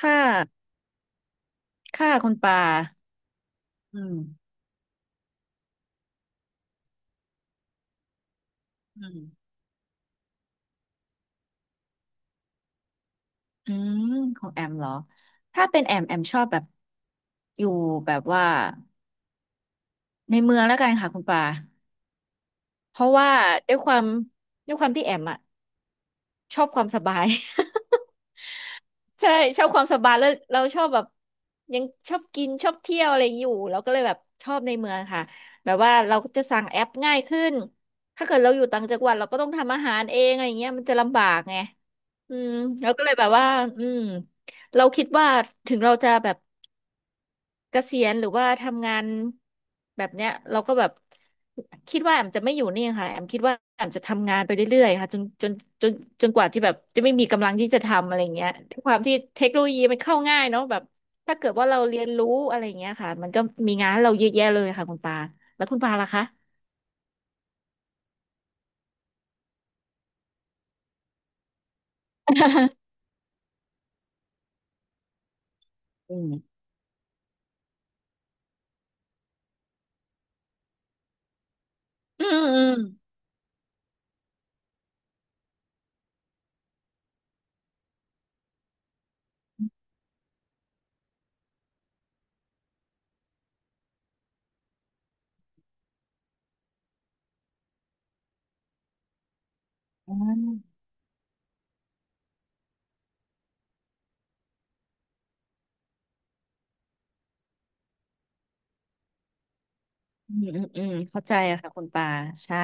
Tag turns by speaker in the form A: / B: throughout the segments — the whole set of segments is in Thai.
A: ค่าค่าคุณปาอืมอืมอืม ของแอมเหรอ ถ้าเป็นแอมแอมชอบแบบอยู่แบบว่าในเมืองแล้วกันค่ะคุณปาเพราะว่าด้วยความด้วยความที่แอมอะชอบความสบาย ใช่ชอบความสบายแล้วเราชอบแบบยังชอบกินชอบเที่ยวอะไรอยู่เราก็เลยแบบชอบในเมืองค่ะแบบว่าเราจะสั่งแอปง่ายขึ้นถ้าเกิดเราอยู่ต่างจังหวัดเราก็ต้องทำอาหารเองอะไรเงี้ยมันจะลำบากไงอืมเราก็เลยแบบว่าอืมเราคิดว่าถึงเราจะแบบ เกษียณหรือว่าทำงานแบบเนี้ยเราก็แบบคิดว่าแอมจะไม่อยู่นี่ค่ะแอมคิดว่าแอมจะทำงานไปเรื่อยๆค่ะจนจนจนจนกว่าที่แบบจะไม่มีกำลังที่จะทำอะไรเงี้ยด้วยความที่เทคโนโลยีมันเข้าง่ายเนาะแบบถ้าเกิดว่าเราเรียนรู้อะไรเงี้ยค่ะมันก็มีงานให้เราเยอะแยะเลยค่ะคุณปาแล้วคุณปาล่ะคะ อืมอืมอืมอืมอืมอืมอืมเข้าใจอะค่ะคุณปาใช่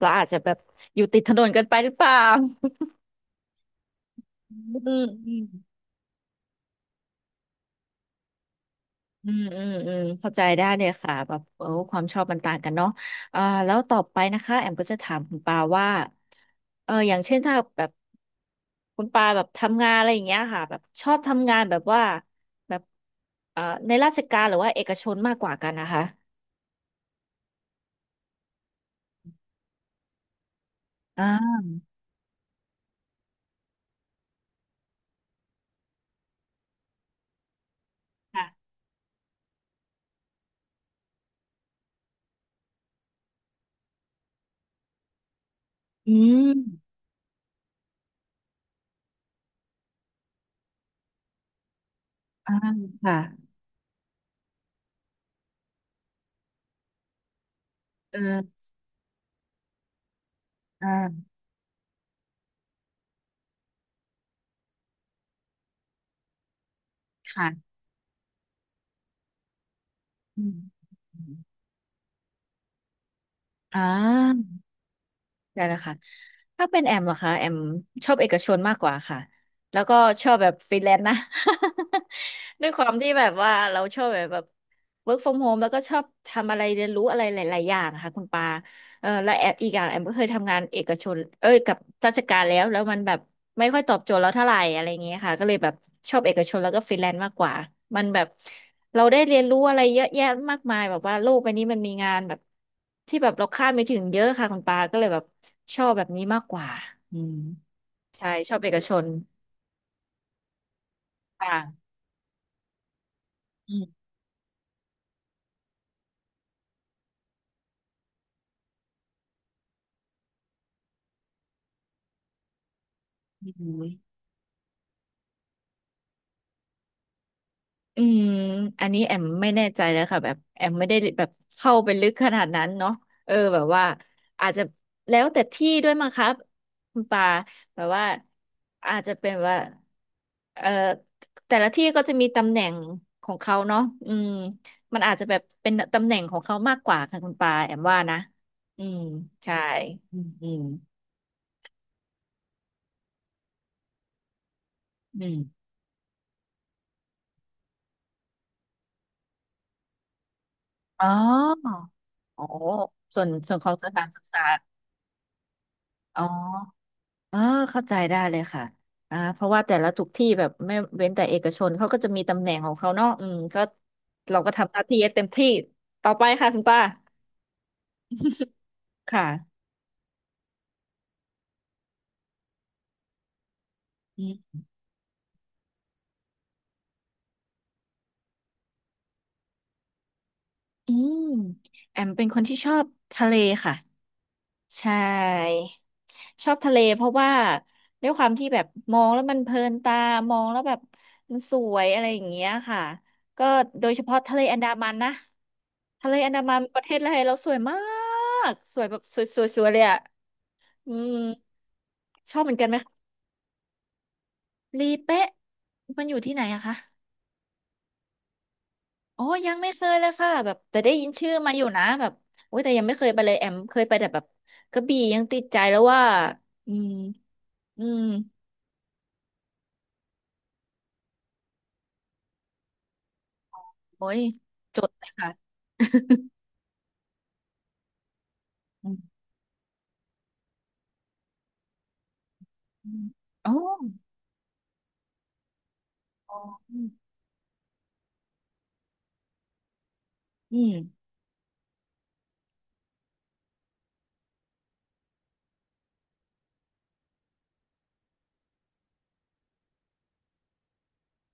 A: เราอาจจะแบบอยู่ติดถนนกันไปหรือเปล่าอืมอืม อืมอืมอืมเข้าใจได้เลยค่ะแบบเออความชอบมันต่างกันเนาะอ่าแล้วต่อไปนะคะแอมก็จะถามคุณปาว่าเอออย่างเช่นถ้าแบบคุณปาแบบทำงานอะไรอย่างเงี้ยค่ะแบบชอบทำงานแบบว่าแบบเอ่อในราชการหรือว่าเอกชนมากกว่ากันนะคะอ่าค่ะอืมอ่าค่ะเอออ่าค่ะอืมอ่า ได้แล้วค่ะถ้าเป็นแอมเหรอคะแอมชอบเอกชนมากกว่าค่ะแล้วก็ชอบแบบฟรีแลนซ์นะ ด้วยความที่แบบว่าเราชอบแบบ work from home แล้วก็ชอบทำอะไรเรียนรู้อะไรหลายๆอย่างค่ะคุณปาเออและแอมอีกอย่างแอมก็เคยทำงานเอกชนเอ้ยกับราชการแล้วแล้วมันแบบไม่ค่อยตอบโจทย์เราเท่าไหร่อะไรอย่างเงี้ยค่ะก็เลยแบบชอบเอกชนแล้วก็ฟรีแลนซ์มากกว่ามันแบบ เราได้เรียนรู้อะไรเยอะแยะมากมายแบบว่าโลกใบนี้มันมีงานแบบที่แบบเราคาดไม่ถึงเยอะค่ะคุณปาก็เลยแบบชอบแบบนี้มากกว่าอืมใช่ชอบเอกชนอ่าอืมอืม อืมอันนี้แอมไม่แน่ใจแล้วค่ะแบบแอมไม่ได้แบบเข้าไปลึกขนาดนั้นเนาะเออแบบว่าอาจจะแล้วแต่ที่ด้วยมั้งครับคุณปาแบบว่าอาจจะเป็นว่าเอ่อแต่ละที่ก็จะมีตำแหน่งของเขาเนาะอืมมันอาจจะแบบเป็นตำแหน่งของเขามากกว่าค่ะคุณปาแอมว่านะอืมใช่อืมอืมอืมอ๋ออ๋อส่วนส่วนของสถานศึกษาอ๋อ อ่าเข้าใจได้เลยค่ะอ่าเพราะว่าแต่ละทุกที่แบบไม่เว้นแต่เอกชนเขาก็จะมีตำแหน่งของเขาเนาะอืมก็เราก็ทำหน้าที่ให้เต็มที่ต่อไปค่ะคุณป้าค่ะอืมอืมแอมเป็นคนที่ชอบทะเลค่ะใช่ชอบทะเลเพราะว่าด้วยความที่แบบมองแล้วมันเพลินตามองแล้วแบบมันสวยอะไรอย่างเงี้ยค่ะก็โดยเฉพาะทะเลอันดามันนะทะเลอันดามันประเทศไทยเราสวยมากสวยแบบสวยๆๆเลยอะ อืมชอบเหมือนกันไหมคะลีเป๊ะมันอยู่ที่ไหนอะคะอ๋อยังไม่เคยเลยค่ะแบบแต่ได้ยินชื่อมาอยู่นะแบบโอ้ยแต่ยังไม่เคยไปเลยแอมเคยไปแต่แบบกระบี่ยังติดใจแล้วว่าอืมอืมโอ้ยจดเลยค่ะ อืมอืมอ๋ออ๋ออืม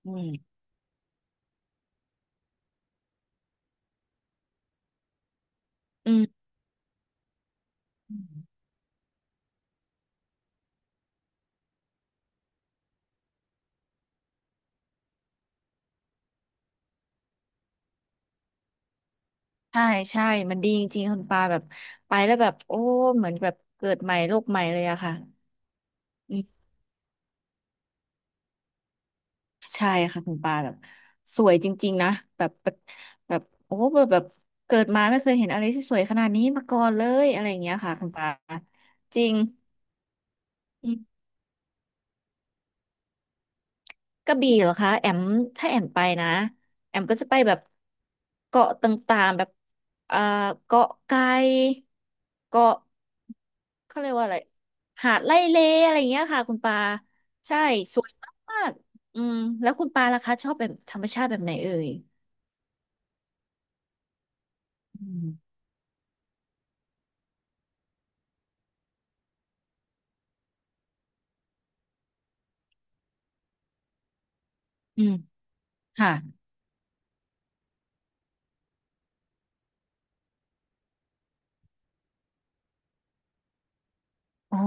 A: อืมอืมอืมอืมใช่ใช่มันดีจริงๆคุณปาแบบไปแล้วแบบโอ้เหมือนแบบเกิดใหม่โลกใหม่เลยอะค่ะ ใช่ค่ะคุณปาแบบสวยจริงๆนะแบบโอ้แบบเกิดมาไม่เคยเห็นอะไรที่สวยขนาดนี้มาก่อนเลยอะไรอย่างเงี้ยค่ะคุณปาจริงอืมกระบี่เหรอคะแอมถ้าแอมไปนะแอมก็จะไปแบบเกาะต่างๆแบบเอ่อเกาะไก่เกาะเขาเรียกว่าอะไรหาดไร่เลอะไรอย่างเงี้ยค่ะคุณปาใช่สวยมากๆอืมแล้วคุณปาล่ะคะชอบแบบธรรมชาติแบบไหนเอ่ยอืมอืมค่ะ อ๋อ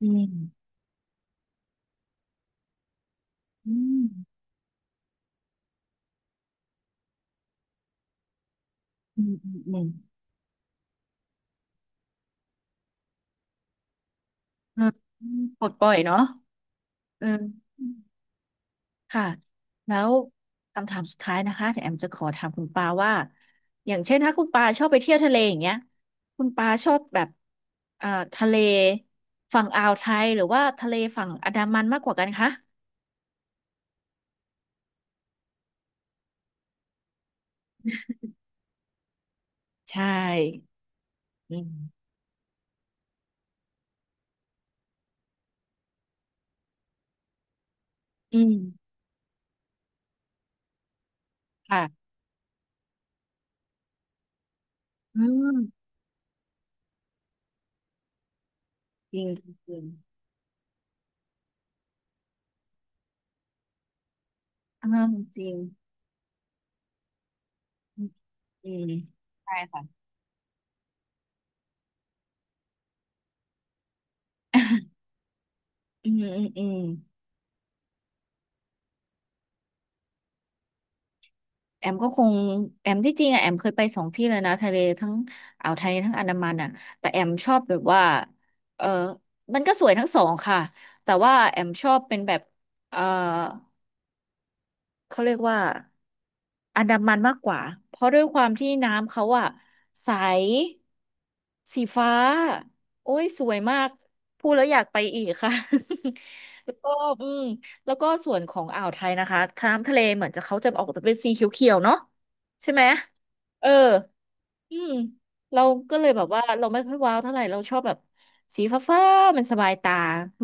A: อืมอืมอืมอืมอืมเออปลดปล่อยเนาะเออค่ะ แล้วคำถามสุดท้ายนะคะแแอมจะขอถามคุณปาว่าอย่างเช่นถ้าคุณปาชอบไปเที่ยวทะเลอย่างเงี้ยคุณปาชอบแบบเอ่อทะเลฝั่งอ่าวไทยหรือว่าทะเลฝั่งอันดามันมากกว่ากันคะใช่ อืมอืมค่ะอืมจริงจริงเออมจริงอืมใช่ค่ะ อืมอืมอืม แอมก็คงแอมที่จริงอะแอมเคยไปสองที่เลยนะทะเลทั้งอ่าวไทยทั้งอันดามันอ่ะแต่แอมชอบแบบว่าเออมันก็สวยทั้งสองค่ะแต่ว่าแอมชอบเป็นแบบเออ เขาเรียกว่าอันดามันมากกว่าเพราะด้วยความที่น้ำเขาอะใสสีฟ้าโอ้ยสวยมากพูดแล้วอยากไปอีกค่ะ แล้วก็อืมแล้วก็ส่วนของอ่าวไทยนะคะน้ำทะเลเหมือนจะเขาจะออกจะเป็นสีเขียวๆเนาะใช่ไหมเอออืมเราก็เลยแบบว่าเราไม่ค่อยว้าวเท่าไหร่เราชอบแบบสีฟ้าๆมันสบายตา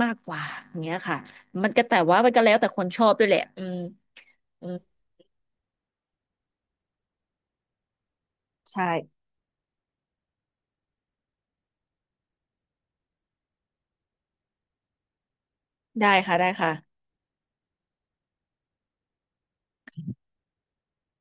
A: มากกว่าอย่างเงี้ยค่ะมันก็แต่ว่ามันก็แล้วแต่คนชอบด้วยแหละอืม ใช่ได้ค่ะได้ค่ะ